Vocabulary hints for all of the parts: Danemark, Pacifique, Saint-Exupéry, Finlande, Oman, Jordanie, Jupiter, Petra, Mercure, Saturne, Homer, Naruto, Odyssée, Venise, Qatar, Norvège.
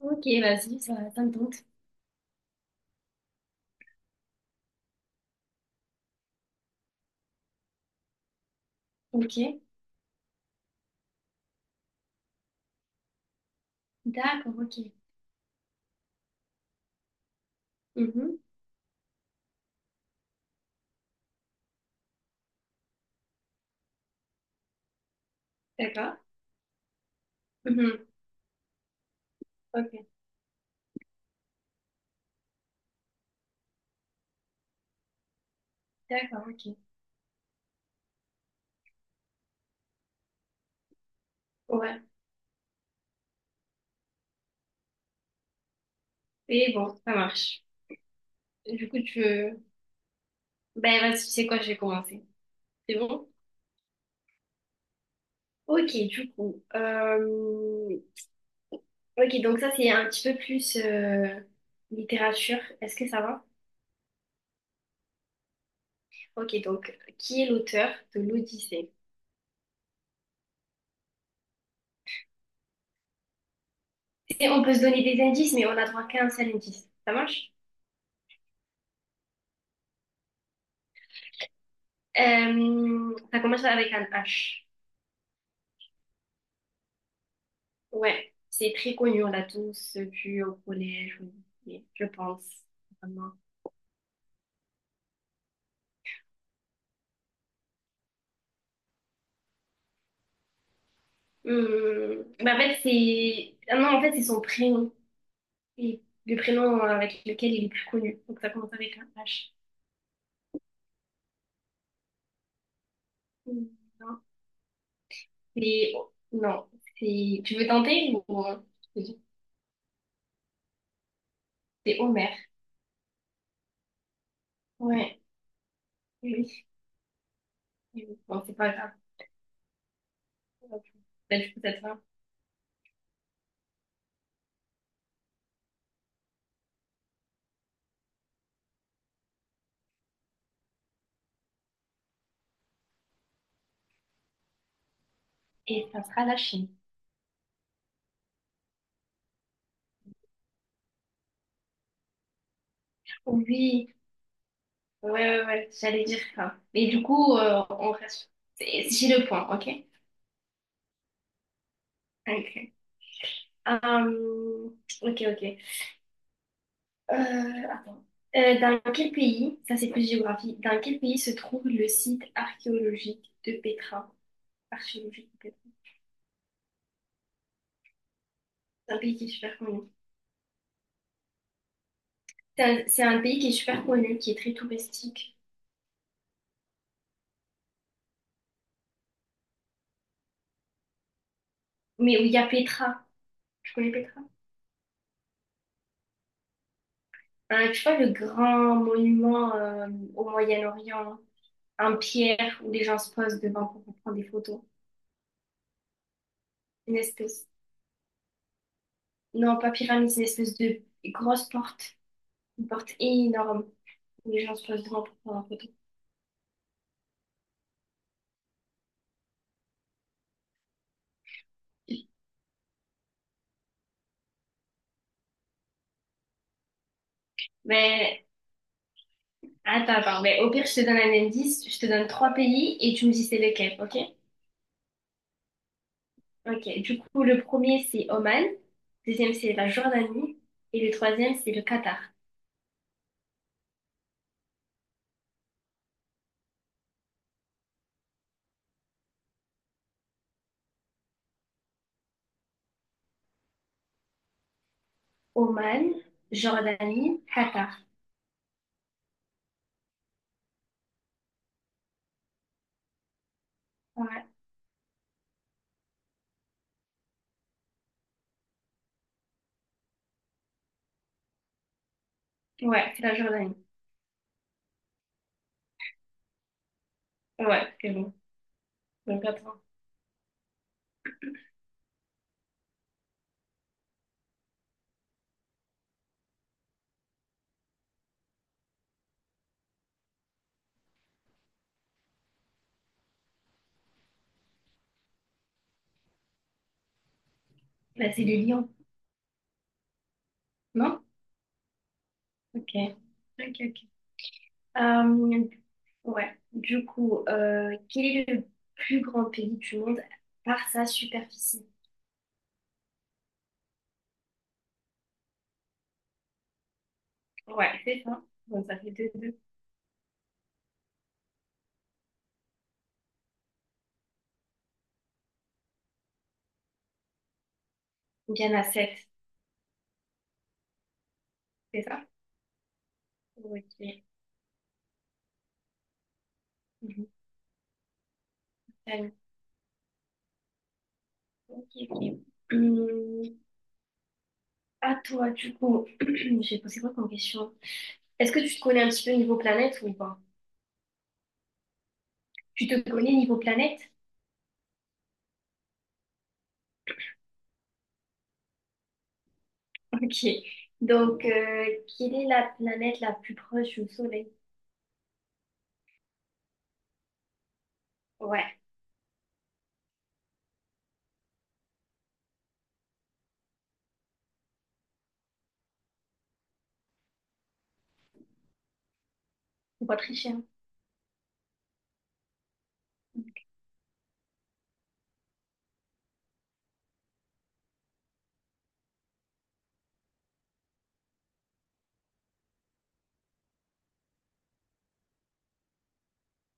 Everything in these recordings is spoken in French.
Ok, vas-y, ça me tente. Ok, d'accord, ok. Mhm, d'accord. Mhm, ok, d'accord, ok. Ouais, et bon, ça marche. Du coup, tu veux... Ben, vas-y, tu sais quoi, je vais commencer. C'est bon? Ok, du coup. Ok, donc ça, c'est un petit peu plus littérature. Est-ce que ça va? Ok, donc, qui est l'auteur de l'Odyssée? Et on peut se donner des indices, mais on a droit qu'à un seul indice. Ça marche? Ça commence avec un H. Ouais, c'est très connu, on l'a tous vu au collège, au lycée, je pense, vraiment. Bah en fait, c'est... ah non, en fait, c'est son prénom, et le prénom avec lequel il est plus connu. Donc ça commence avec un H. Hum, non, c'est... Non, c'est... Tu veux tenter ou... je te dis, c'est Homer. Ouais, oui. Oui. Bon, c'est pas grave. Bah, du coup, ça sera. Et ça sera la Chine. Oui. Ouais, ouais, ouais, j'allais dire ça. Et du coup, on reste. J'ai le point, ok? Ok. Hum, ok, ok. Euh, Attends. Dans quel pays, ça c'est plus géographie, dans quel pays se trouve le site archéologique de Petra? Archéologique de Petra. C'est un pays qui est super connu. C'est un pays qui est super connu, qui est très touristique, mais où il y a Petra. Tu connais Petra? Tu vois le grand monument au Moyen-Orient, en pierre où les gens se posent devant pour prendre des photos. Une espèce. Non, pas pyramide, c'est une espèce de grosse porte. Une porte énorme où les gens se posent devant pour prendre en photo. Mais attends. Mais au pire, je te donne un indice. Je te donne trois pays et tu me dis c'est lequel, ok? Ok. Du coup, le premier, c'est Oman. Le deuxième, c'est la Jordanie. Et le troisième, c'est le Qatar. Oman, Jordanie, Qatar. Ouais, ouais, c'est la Jordanie. Ouais, c'est bon. Donc, attends. Bah, c'est les lions, non? Ok. Ok, ok. Euh, ouais, du coup, quel est le plus grand pays du monde par sa superficie? Ouais, c'est ça. Donc ça fait deux, deux. Donc il y en a sept, c'est ça? Ok. Mhm. Allez. Ok, ok. Hum, à toi, du coup, j'ai posé quoi comme question? Est-ce que tu te connais un petit peu niveau planète ou pas? Tu te connais niveau planète? Ok. Donc, quelle est la planète la plus proche du Soleil? Ouais, faut pas tricher, hein.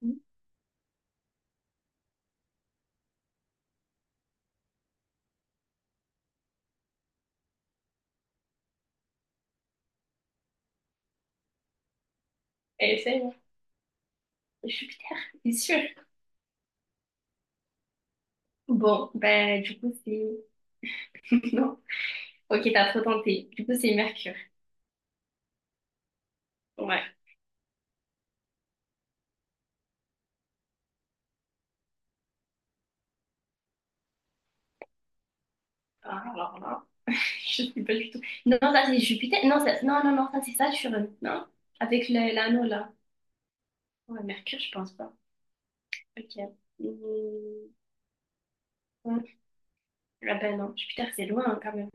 Mhm. Essaye, Jupiter, c'est sûr. Bon, bah, du coup, c'est. Non. Ok, t'as trop tenté. Du coup, c'est Mercure. Ouais. Ah, alors là, je sais pas du tout. Non, ça, c'est Jupiter. Non, ça... non, non, non, ça, c'est Saturne. Non? Avec l'anneau, là. Ouais, Mercure, je pense pas. Ok. Hmm. Ouais. Ah ben non, Jupiter, c'est loin, hein, quand même.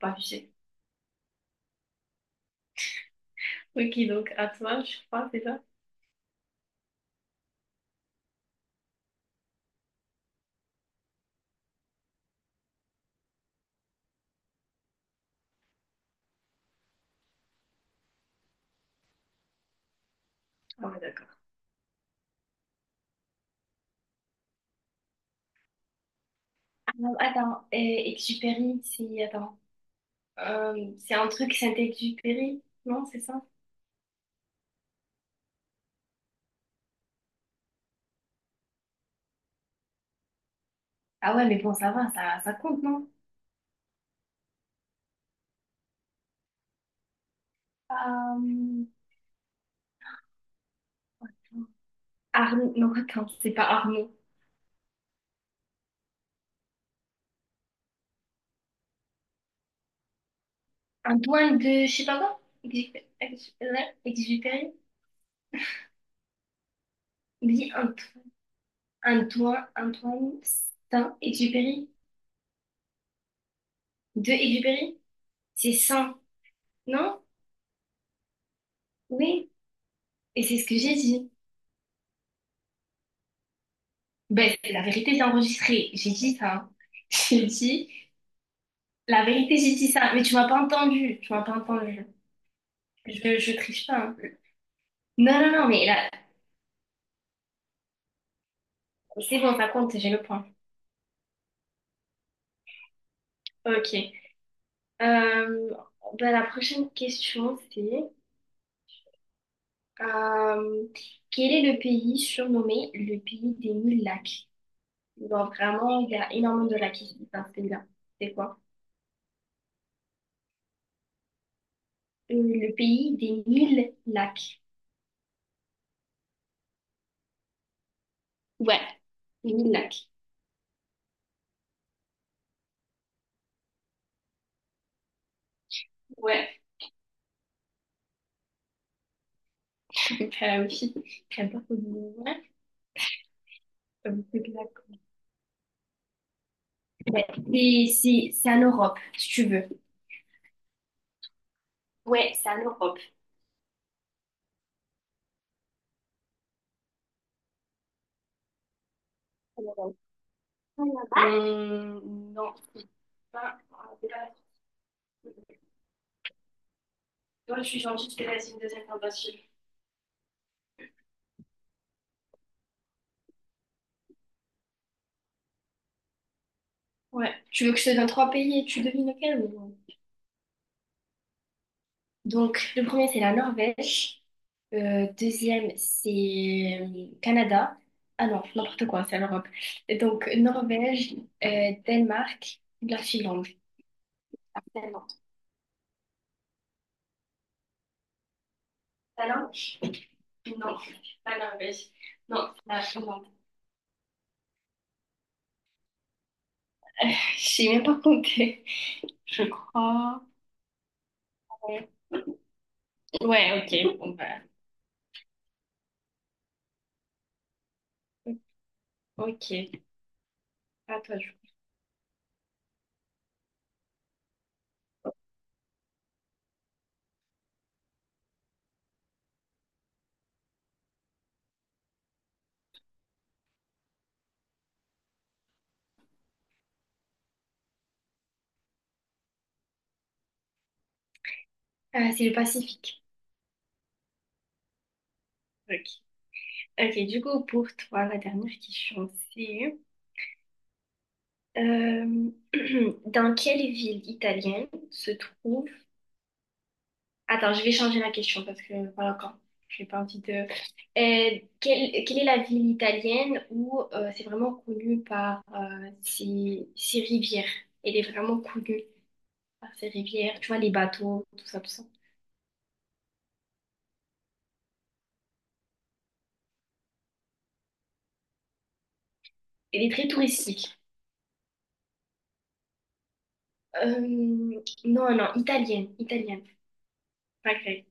Pas abusé. Ok, donc, à toi, je crois, c'est ça? Ah ouais, d'accord. Ah, attends, Exupéry, c'est. Attends. C'est un truc Saint-Exupéry, non, c'est ça? Ah ouais, mais bon, ça va, ça compte, non? Euh, Arnaud, non, attends, c'est pas Arnaud. Un doigt de, je sais pas quoi, Exupéry. Il dit un doigt, Saint Exupéry. De Exupéry. C'est Saint, non? Oui. Et c'est ce que j'ai dit. Ben, c'est la vérité, c'est enregistré. J'ai dit ça. J'ai dit, la vérité, j'ai dit ça. Mais tu m'as pas entendu. Tu m'as pas entendu. Je triche pas, hein. Non, non, non, mais là, c'est bon, ça compte, j'ai le point. Ok. Euh, Bah, la prochaine question, c'est euh, quel est le pays surnommé le pays des mille lacs? Genre, vraiment, il y a énormément de lacs ici dans ce pays-là. C'est quoi? Le pays des mille lacs. Ouais, les mille lacs. Ouais, bah oui. J'aime pas trop dire, ouais. C'est que lacs. Ouais. C'est c'est en Europe, si tu veux. Ouais, c'est en Europe. En Europe. Non, c'est pas, c'est pas la France. Ouais, je suis gentille, je te laisse une deuxième tentative. Ouais. Tu veux que je te donne trois pays et tu devines lequel ou- Donc, le premier, c'est la Norvège. Deuxième, c'est Canada. Ah non, n'importe quoi, c'est l'Europe. Et donc, Norvège, Danemark, la Finlande. Ah, Finlande. La langue? Non, la Norvège. Non, la Finlande. Je sais même pas compter. Je crois. Ouais, ok. Bon, bah, ok. À toi, je- c'est le Pacifique. Ok. Ok, du coup, pour toi, la dernière question, c'est euh, dans quelle ville italienne se trouve... Attends, je vais changer la question parce que, voilà, quand j'ai pas envie de... quelle est la ville italienne où c'est vraiment connu par ses rivières? Elle est vraiment connue par ses rivières, tu vois, les bateaux, tout ça, tout ça. Elle est très touristique. Euh, non, non, italienne, italienne, pas grecque.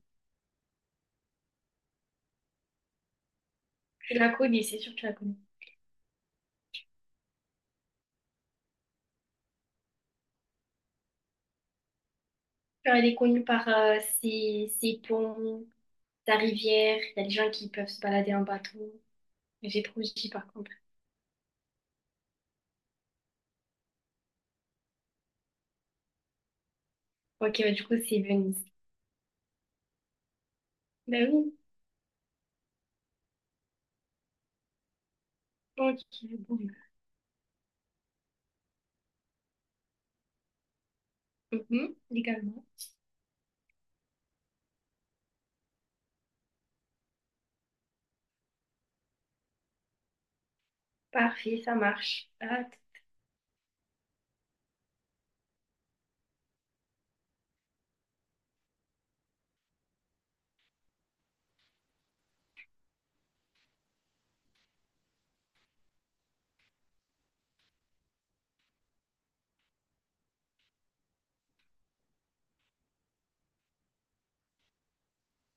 Tu la connais, c'est sûr que tu la connais. Enfin, elle est connue par ses ponts, sa rivière. Il y a des gens qui peuvent se balader en bateau. Mais j'ai trop dit par contre. Ok, bah, du coup, c'est Venise. Ben oui. Ok, bon. Mhm, légalement. Parfait, ça marche. Ah,